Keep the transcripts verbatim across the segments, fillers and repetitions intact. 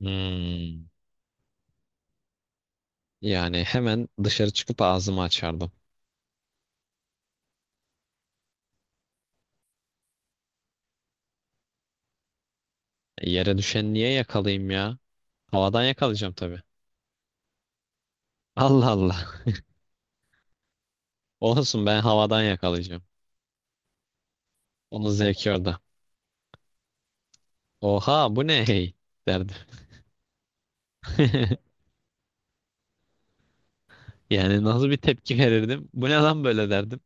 Hmm. Yani hemen dışarı çıkıp ağzımı açardım. E, yere düşen niye yakalayayım ya? Havadan yakalayacağım tabii. Allah Allah. Olsun ben havadan yakalayacağım. Onun zevki orada. Oha bu ne hey derdim. Yani nasıl bir tepki verirdim? Bu ne lan böyle derdim.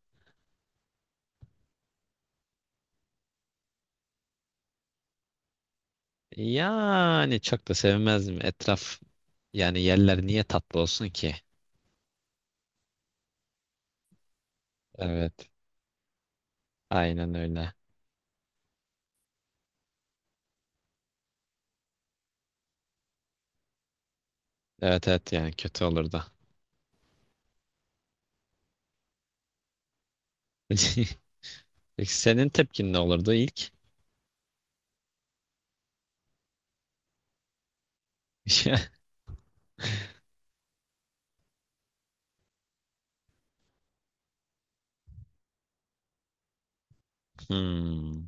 Yani çok da sevmezdim. Etraf, yani yerler niye tatlı olsun ki? Evet. Aynen öyle. Evet, evet, yani kötü olurdu. Peki senin tepkin ne olurdu ilk? Hmm.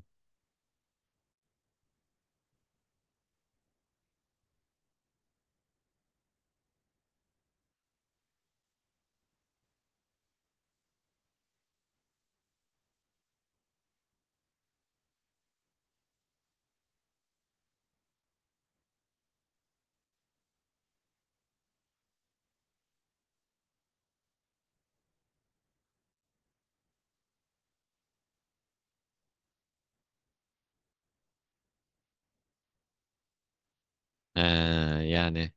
Ee, Yani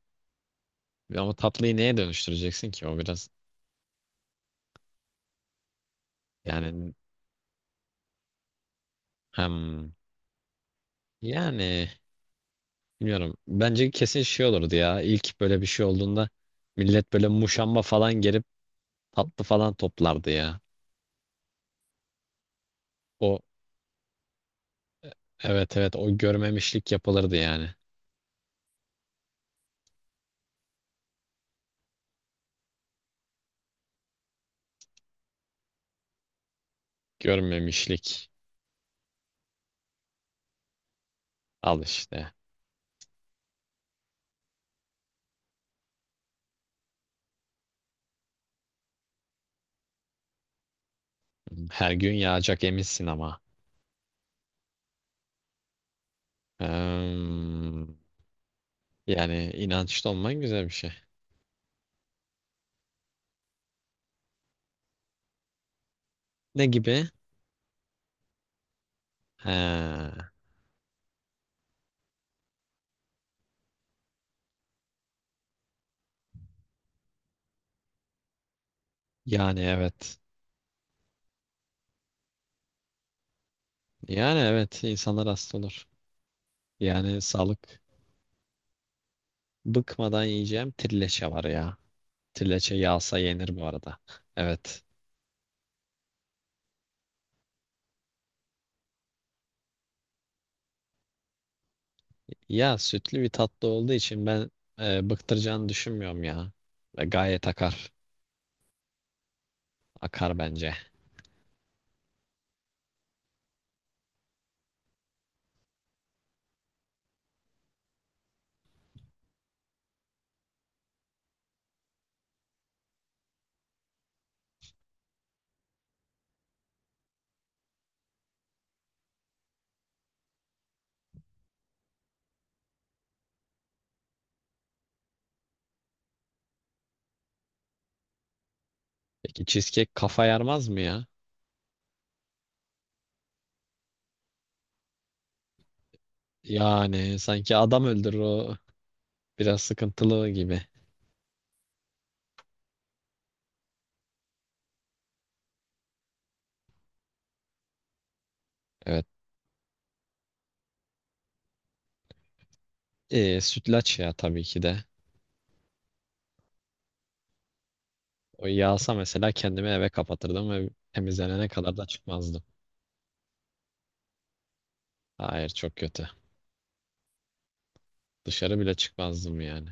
ama tatlıyı neye dönüştüreceksin ki? O biraz, yani hem, yani bilmiyorum. Bence kesin şey olurdu ya. İlk böyle bir şey olduğunda millet böyle muşamba falan gelip tatlı falan toplardı ya. O, evet, evet, o görmemişlik yapılırdı yani. Görmemişlik. Al işte. Her gün yağacak eminsin ama. Hmm. Yani inançlı olman güzel bir şey. Ne gibi? He. Yani evet. Yani evet, insanlar hasta olur. Yani sağlık, bıkmadan yiyeceğim trileçe var ya. Trileçe yağsa yenir bu arada. Evet. Ya sütlü bir tatlı olduğu için ben e, bıktıracağını düşünmüyorum ya. Ve gayet akar. Akar bence. Peki cheesecake kafa yarmaz mı ya? Yani sanki adam öldürür o, biraz sıkıntılı gibi. Evet. E, sütlaç ya, tabii ki de. O yağsa mesela kendimi eve kapatırdım ve temizlenene kadar da çıkmazdım. Hayır, çok kötü. Dışarı bile çıkmazdım yani.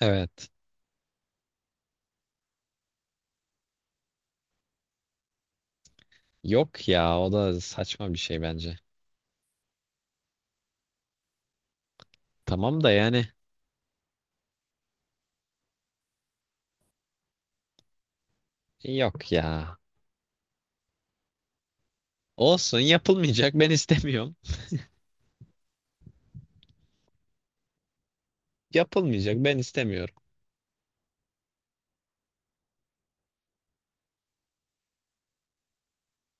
Evet. Yok ya, o da saçma bir şey bence. Tamam da yani, yok ya. Olsun, yapılmayacak, ben istemiyorum. Yapılmayacak, ben istemiyorum.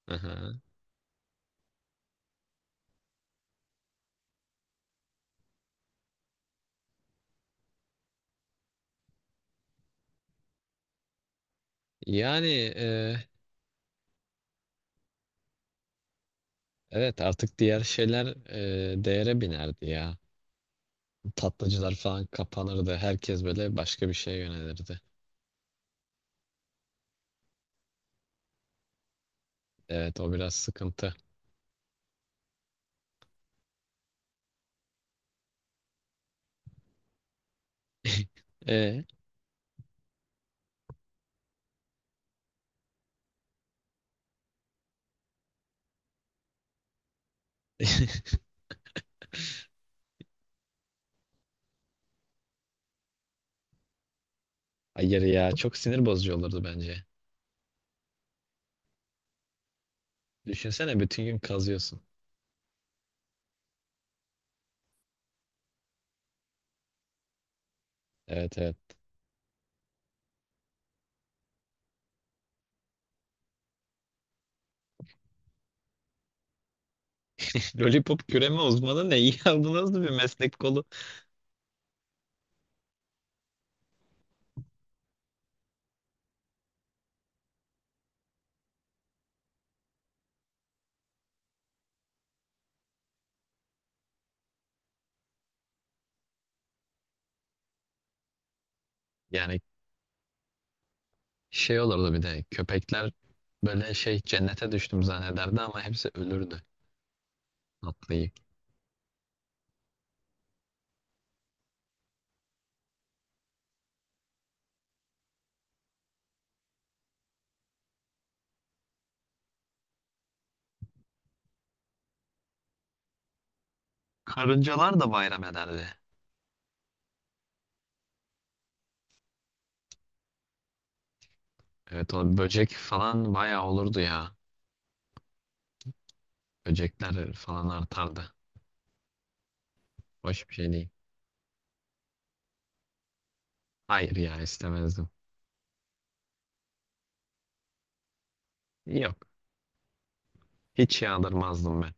Aha. Yani e, evet, artık diğer şeyler e, değere binerdi ya. Tatlıcılar falan kapanırdı. Herkes böyle başka bir şeye yönelirdi. Evet, o biraz sıkıntı. E? Hayır ya, çok sinir bozucu olurdu bence. Düşünsene, bütün gün kazıyorsun. Evet, evet. Lollipop küreme uzmanı ne iyi aldı, nasıl bir meslek kolu. Yani şey olurdu, bir de köpekler böyle şey cennete düştüm zannederdi, ama hepsi ölürdü tatlıyı. Karıncalar da bayram ederdi. Evet, o böcek falan bayağı olurdu ya. Böcekler falan artardı. Hoş bir şey değil. Hayır ya, istemezdim. Yok, hiç yağdırmazdım ben.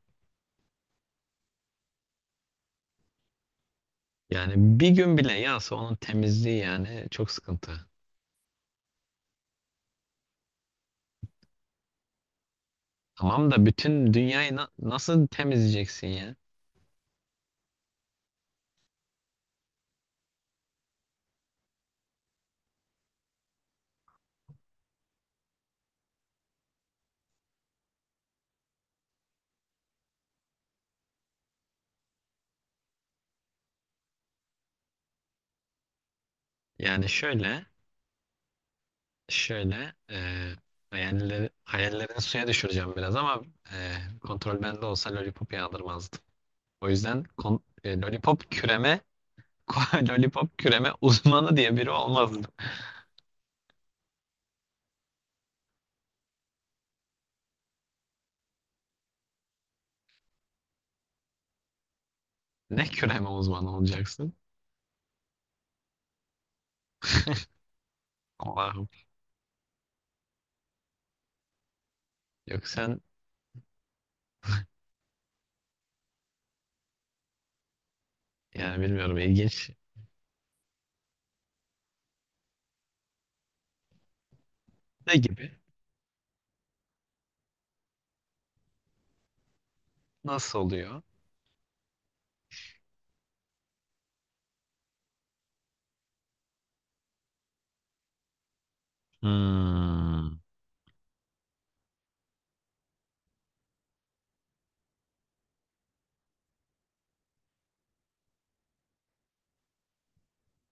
Yani bir gün bile yağsa onun temizliği yani çok sıkıntı. Tamam da bütün dünyayı na- nasıl temizleyeceksin ya? Yani şöyle Şöyle e, hayalleri, hayallerini suya düşüreceğim biraz ama e, kontrol bende olsa lollipop yağdırmazdım. O yüzden kon- e, lollipop küreme lollipop küreme uzmanı diye biri olmazdım. Ne küreme uzmanı olacaksın? Allah'ım. Yok sen, yani bilmiyorum, ilginç. Ne gibi? Nasıl oluyor? Hmm,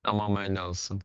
tamam, öyle olsun.